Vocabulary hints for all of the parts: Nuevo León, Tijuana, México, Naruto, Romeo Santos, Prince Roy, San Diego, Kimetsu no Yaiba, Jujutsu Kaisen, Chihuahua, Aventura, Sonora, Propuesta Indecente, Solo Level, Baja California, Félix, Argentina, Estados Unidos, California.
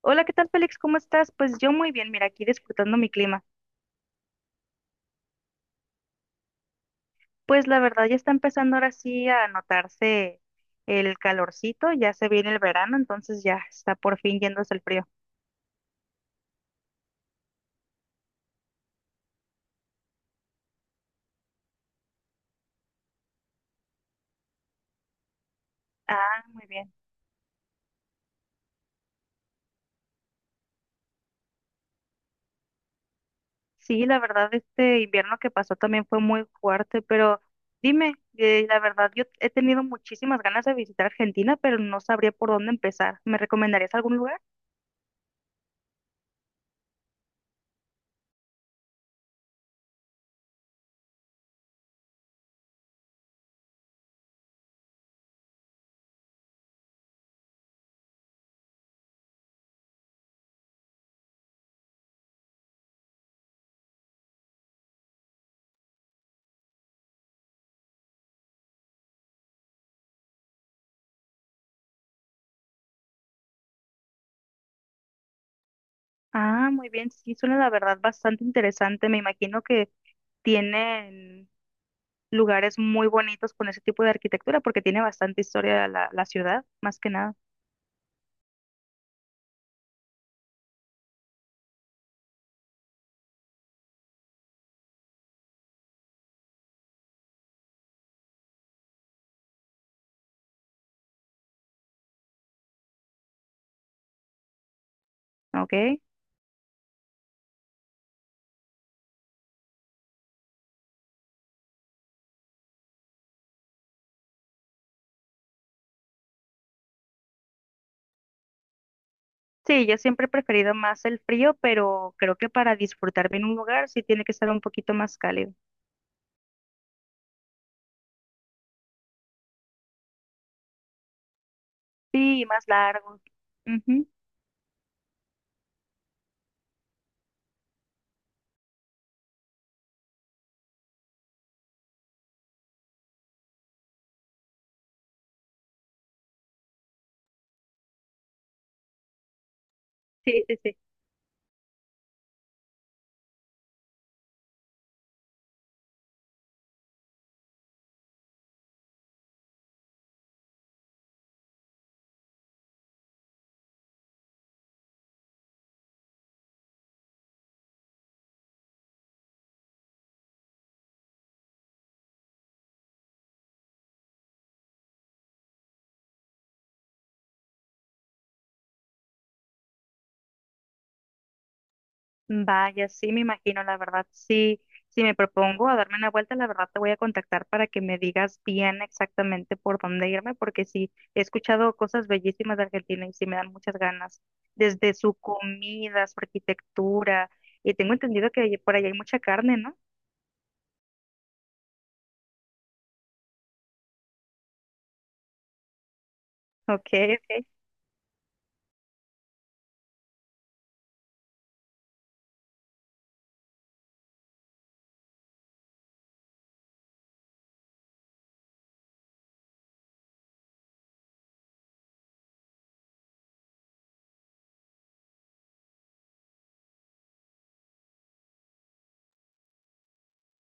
Hola, ¿qué tal, Félix? ¿Cómo estás? Pues yo muy bien, mira, aquí disfrutando mi clima. Pues la verdad ya está empezando ahora sí a notarse el calorcito, ya se viene el verano, entonces ya está por fin yéndose el frío. Ah, muy bien. Sí, la verdad este invierno que pasó también fue muy fuerte, pero dime, la verdad yo he tenido muchísimas ganas de visitar Argentina, pero no sabría por dónde empezar. ¿Me recomendarías algún lugar? Ah, muy bien, sí, suena la verdad bastante interesante. Me imagino que tienen lugares muy bonitos con ese tipo de arquitectura porque tiene bastante historia la ciudad, más que nada, ¿ok? Sí, yo siempre he preferido más el frío, pero creo que para disfrutar bien un lugar sí tiene que estar un poquito más cálido. Sí, más largo. Ujú. Sí, sí, sí. Vaya, sí, me imagino, la verdad, sí, si me propongo a darme una vuelta, la verdad te voy a contactar para que me digas bien exactamente por dónde irme, porque sí, he escuchado cosas bellísimas de Argentina y sí me dan muchas ganas, desde su comida, su arquitectura, y tengo entendido que por allá hay mucha carne, ¿no? Ok, ok.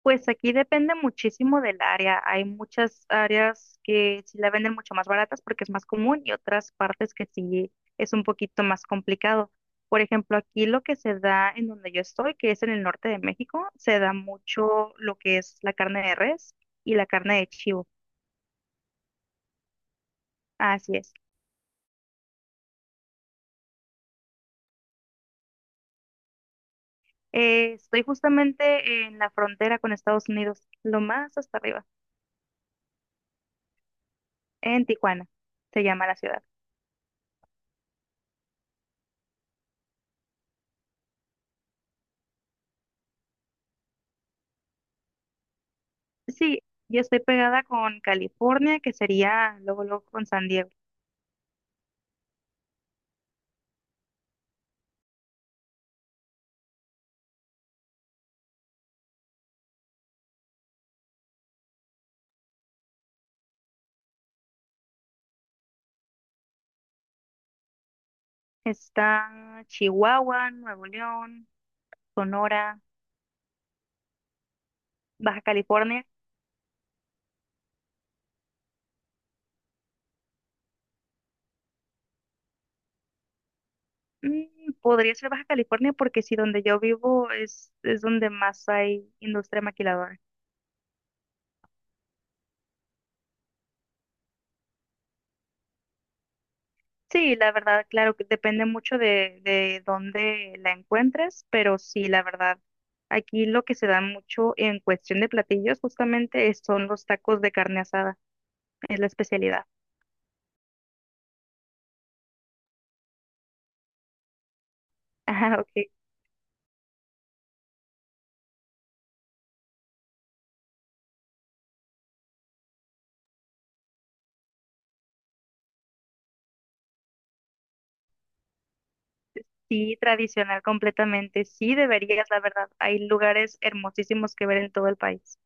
Pues aquí depende muchísimo del área. Hay muchas áreas que sí la venden mucho más baratas porque es más común y otras partes que sí es un poquito más complicado. Por ejemplo, aquí lo que se da en donde yo estoy, que es en el norte de México, se da mucho lo que es la carne de res y la carne de chivo. Así es. Estoy justamente en la frontera con Estados Unidos, lo más hasta arriba, en Tijuana, se llama la ciudad. Sí, yo estoy pegada con California, que sería luego, luego con San Diego. Está Chihuahua, Nuevo León, Sonora, Baja California. Mm, podría ser Baja California porque sí, donde yo vivo es donde más hay industria maquiladora. Sí, la verdad, claro que depende mucho de dónde la encuentres, pero sí, la verdad, aquí lo que se da mucho en cuestión de platillos justamente son los tacos de carne asada, es la especialidad. Ah, ok. Sí, tradicional completamente. Sí, deberías, la verdad. Hay lugares hermosísimos que ver en todo el país.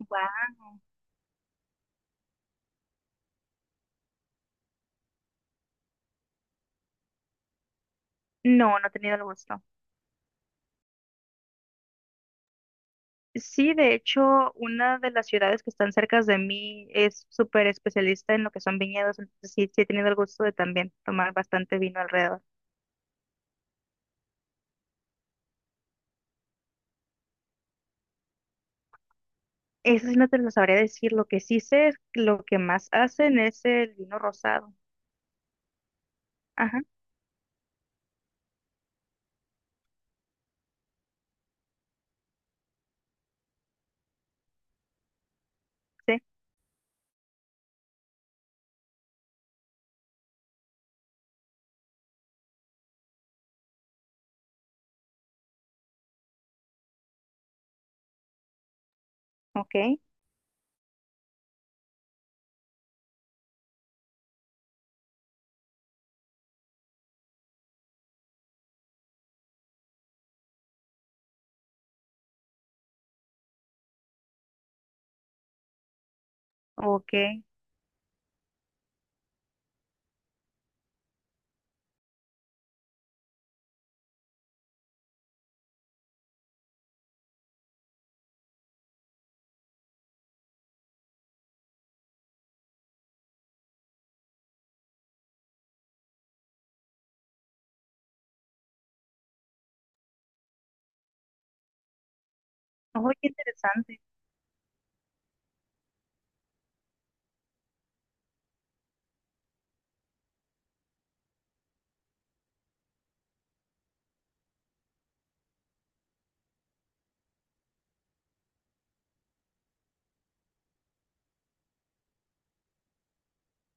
Guau. No, no he tenido el gusto. Sí, de hecho, una de las ciudades que están cerca de mí es súper especialista en lo que son viñedos, entonces sí, sí he tenido el gusto de también tomar bastante vino alrededor. Eso sí no te lo sabría decir. Lo que sí sé, es que lo que más hacen es el vino rosado. Ajá, sí, ok, ok. Oh, qué interesante.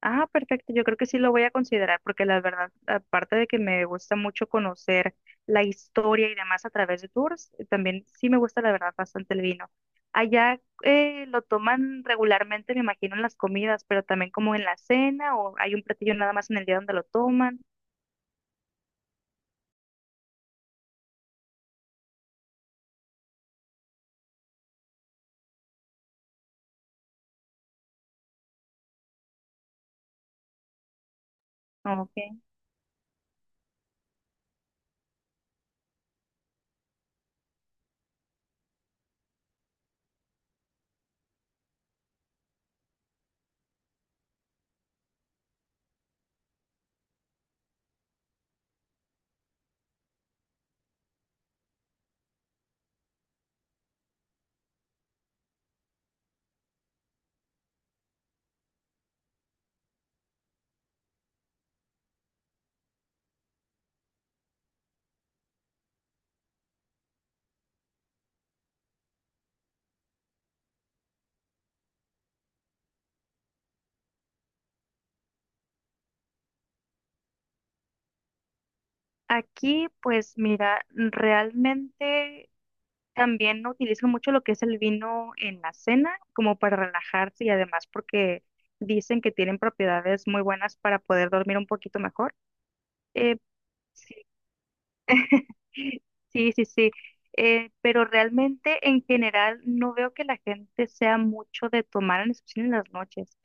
Ah, perfecto. Yo creo que sí lo voy a considerar porque la verdad, aparte de que me gusta mucho conocer la historia y demás a través de tours, también sí me gusta la verdad bastante el vino. Allá lo toman regularmente, me imagino, en las comidas, pero también como en la cena o hay un platillo nada más en el día donde lo toman. Ok. Aquí, pues mira, realmente también utilizan mucho lo que es el vino en la cena, como para relajarse y además porque dicen que tienen propiedades muy buenas para poder dormir un poquito mejor. Eh, sí. Sí, sí, sí. Pero realmente en general no veo que la gente sea mucho de tomar, en especial en las noches.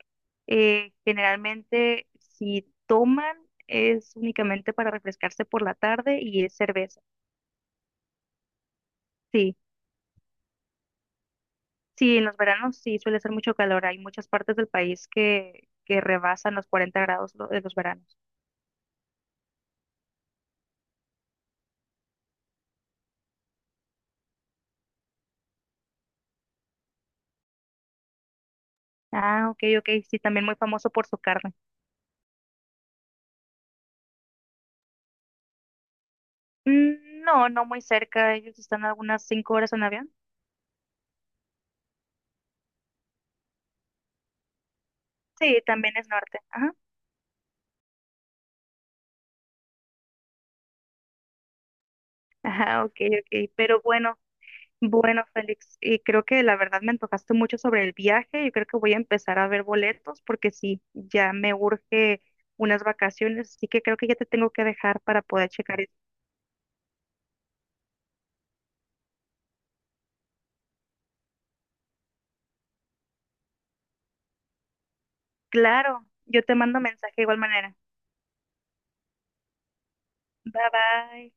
Generalmente si toman es únicamente para refrescarse por la tarde y es cerveza. Sí. Sí, en los veranos sí suele ser mucho calor. Hay muchas partes del país que rebasan los 40 grados en los veranos. Ah, ok, ok. Sí, también muy famoso por su carne. Mm, no, no muy cerca. Ellos están a algunas 5 horas en avión. Sí, también es norte. Ajá. Ajá, ok, ok. Pero bueno, Félix. Y creo que la verdad me antojaste mucho sobre el viaje. Yo creo que voy a empezar a ver boletos porque sí, ya me urge unas vacaciones. Así que creo que ya te tengo que dejar para poder checar. Claro, yo te mando mensaje de igual manera. Bye bye.